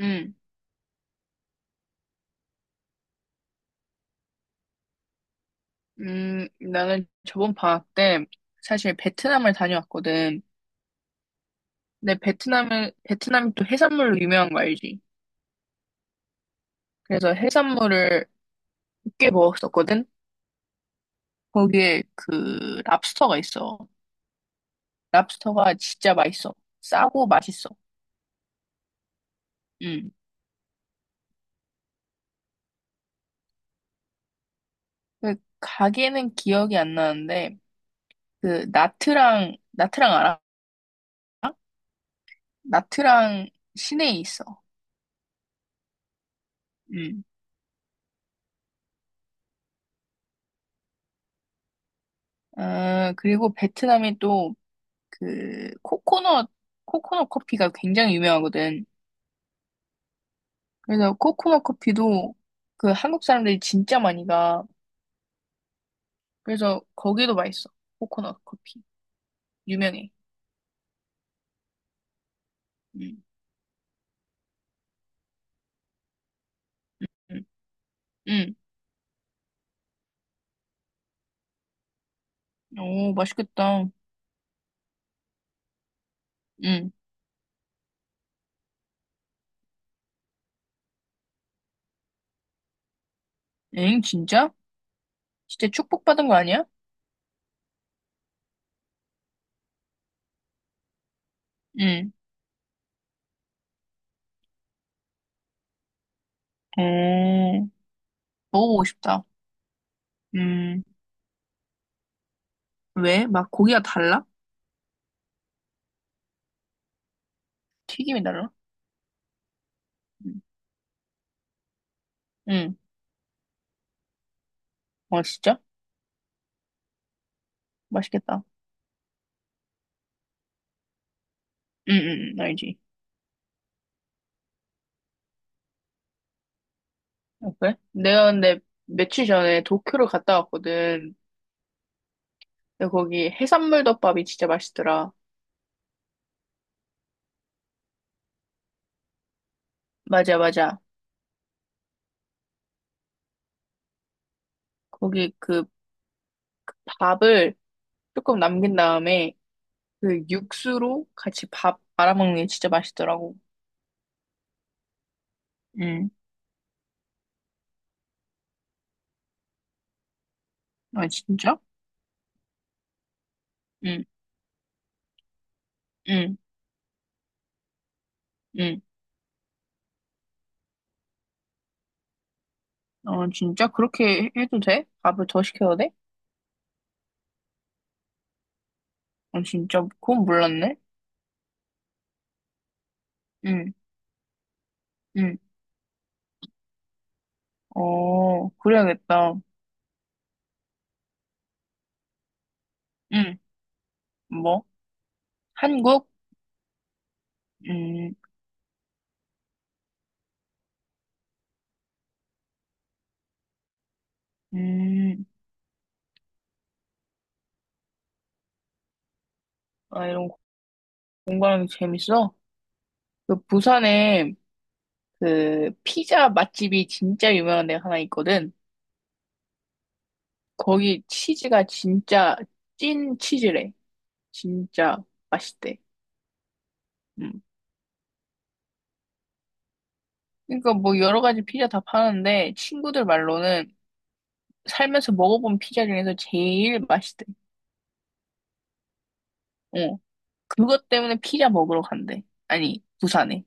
음, 나는 저번 방학 때 사실 베트남을 다녀왔거든. 근데 베트남이 또 해산물로 유명한 거 알지? 그래서 해산물을 꽤 먹었었거든? 거기에 그 랍스터가 있어. 랍스터가 진짜 맛있어. 싸고 맛있어. 음. 그 가게는 기억이 안 나는데, 그 나트랑 알아? 나트랑 시내에 있어. 음. 아, 그리고 베트남이 또 그 코코넛 커피가 굉장히 유명하거든. 그래서 코코넛 커피도 그 한국 사람들이 진짜 많이 가. 그래서 거기도 맛있어. 코코넛 커피 유명해. 응, 응, 응. 오, 맛있겠다. 응. 엥, 진짜? 진짜 축복받은 거 아니야? 응. 오, 먹어보고 싶다. 음, 왜? 막 고기가 달라? 튀김이 달라? 응. 응. 어, 진짜? 맛있겠다. 응, 응, 응, 알지. 아, 그래? 내가 근데 며칠 전에 도쿄를 갔다 왔거든. 근데 거기 해산물 덮밥이 진짜 맛있더라. 맞아, 맞아. 거기 그 밥을 조금 남긴 다음에 그 육수로 같이 밥 말아먹는 게 진짜 맛있더라고. 응. 아, 진짜? 응, 응, 응. 어, 진짜? 그렇게 해도 돼? 밥을 더 시켜도 돼? 어, 진짜? 그건 몰랐네. 응, 응. 어, 그래야겠다. 응. 뭐? 한국? 음, 음. 아, 이런 공부하는 게 재밌어? 그 부산에 그 피자 맛집이 진짜 유명한 데가 하나 있거든. 거기 치즈가 진짜 찐 치즈래. 진짜 맛있대. 음. 그러니까 뭐 여러 가지 피자 다 파는데 친구들 말로는 살면서 먹어본 피자 중에서 제일 맛있대. 어. 그것 때문에 피자 먹으러 간대. 아니, 부산에.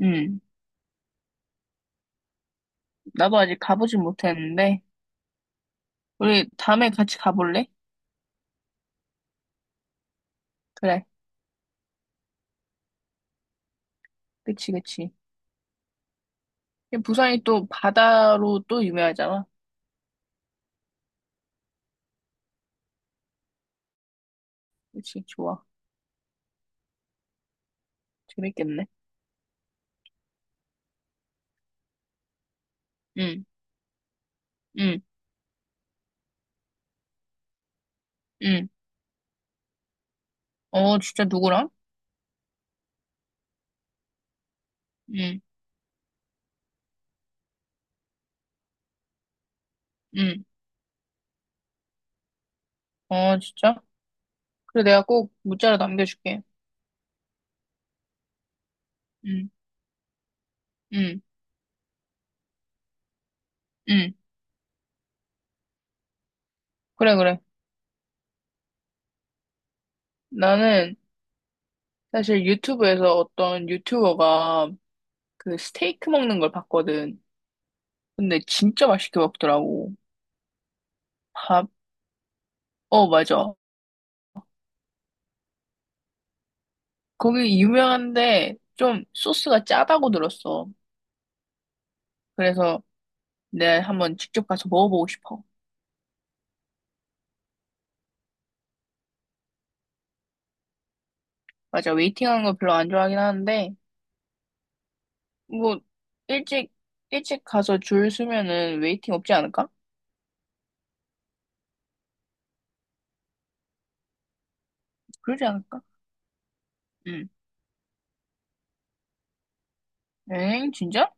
음. 나도 아직 가보진 못했는데 우리 다음에 같이 가볼래? 그래. 그치, 그치. 부산이 또 바다로 또 유명하잖아. 그치, 좋아. 재밌겠네. 응, 응, 응. 어, 진짜 누구랑? 응, 응. 어, 진짜? 그래, 내가 꼭 문자로 남겨줄게. 응, 응, 응. 그래, 그래. 나는 사실 유튜브에서 어떤 유튜버가 그 스테이크 먹는 걸 봤거든. 근데 진짜 맛있게 먹더라고. 밥, 어, 맞아. 거기 유명한데 좀 소스가 짜다고 들었어. 그래서 내가 한번 직접 가서 먹어보고 싶어. 맞아. 웨이팅하는 거 별로 안 좋아하긴 하는데, 뭐, 일찍, 일찍 가서 줄 서면은 웨이팅 없지 않을까? 그러지 않을까? 응. 엥? 진짜?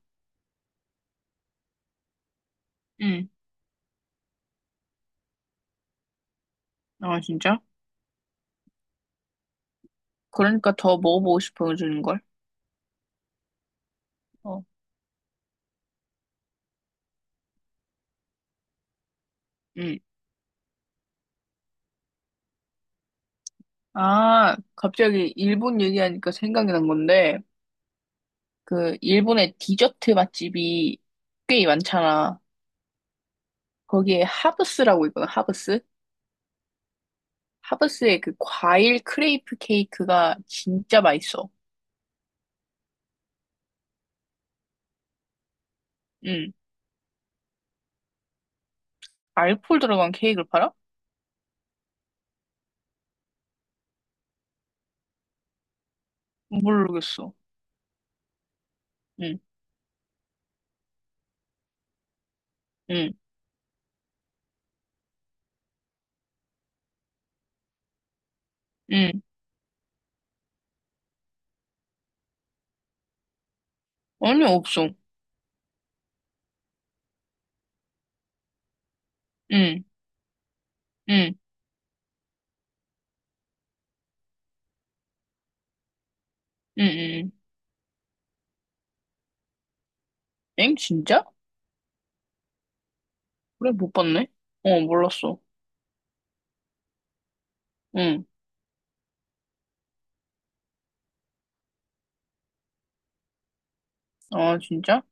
응. 아, 진짜? 그러니까 더 먹어보고 싶어, 주는 걸. 어. 응. 아, 갑자기 일본 얘기하니까 생각이 난 건데, 그, 일본의 디저트 맛집이 꽤 많잖아. 거기에 하브스라고 있거든, 하브스? 하브스의 그 과일 크레이프 케이크가 진짜 맛있어. 응. 알코올 들어간 케이크를 팔아? 모르겠어. 응, 응, 응. 아니, 없어. 응, 응, 응, 응. 엥? 진짜? 그래, 못 봤네. 어, 몰랐어. 응. 아, 진짜?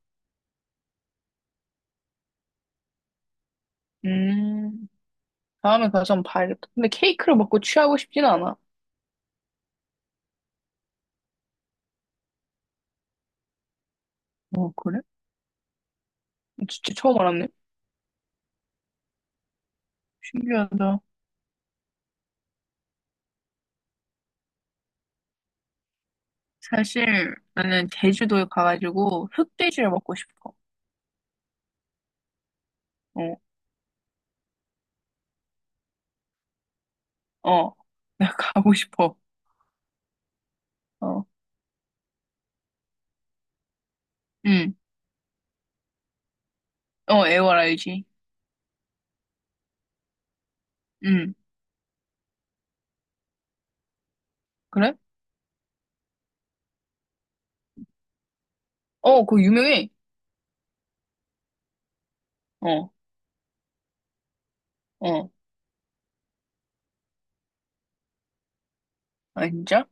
음, 다음에 가서 한번 봐야겠다. 근데 케이크를 먹고 취하고 싶진 않아. 어, 그래? 진짜 처음 알았네. 신기하다. 사실, 나는 제주도에 가가지고 흑돼지를 먹고 싶어. 어, 어. 내가 가고 싶어. 어, 응. 어, 애월 알지? 응. 그래? 어, 그거 유명해. 어. 어. 아, 진짜?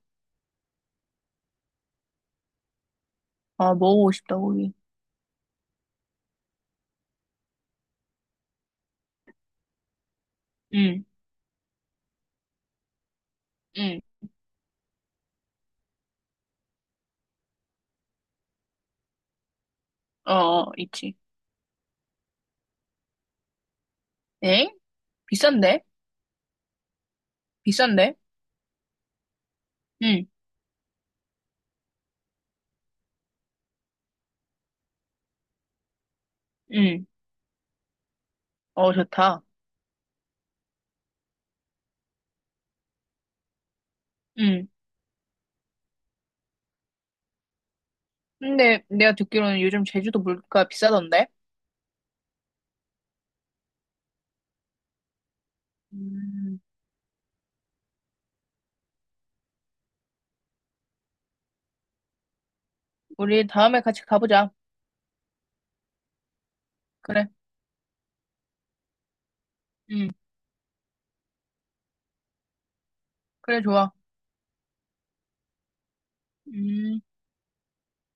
아, 먹어보고 싶다, 고기. 응, 응. 어, 어, 있지. 엥? 비싼데? 비싼데? 응, 응. 어, 좋다. 응. 근데 내가 듣기로는 요즘 제주도 물가 비싸던데? 음, 우리 다음에 같이 가보자. 그래. 응, 그래, 좋아. 음.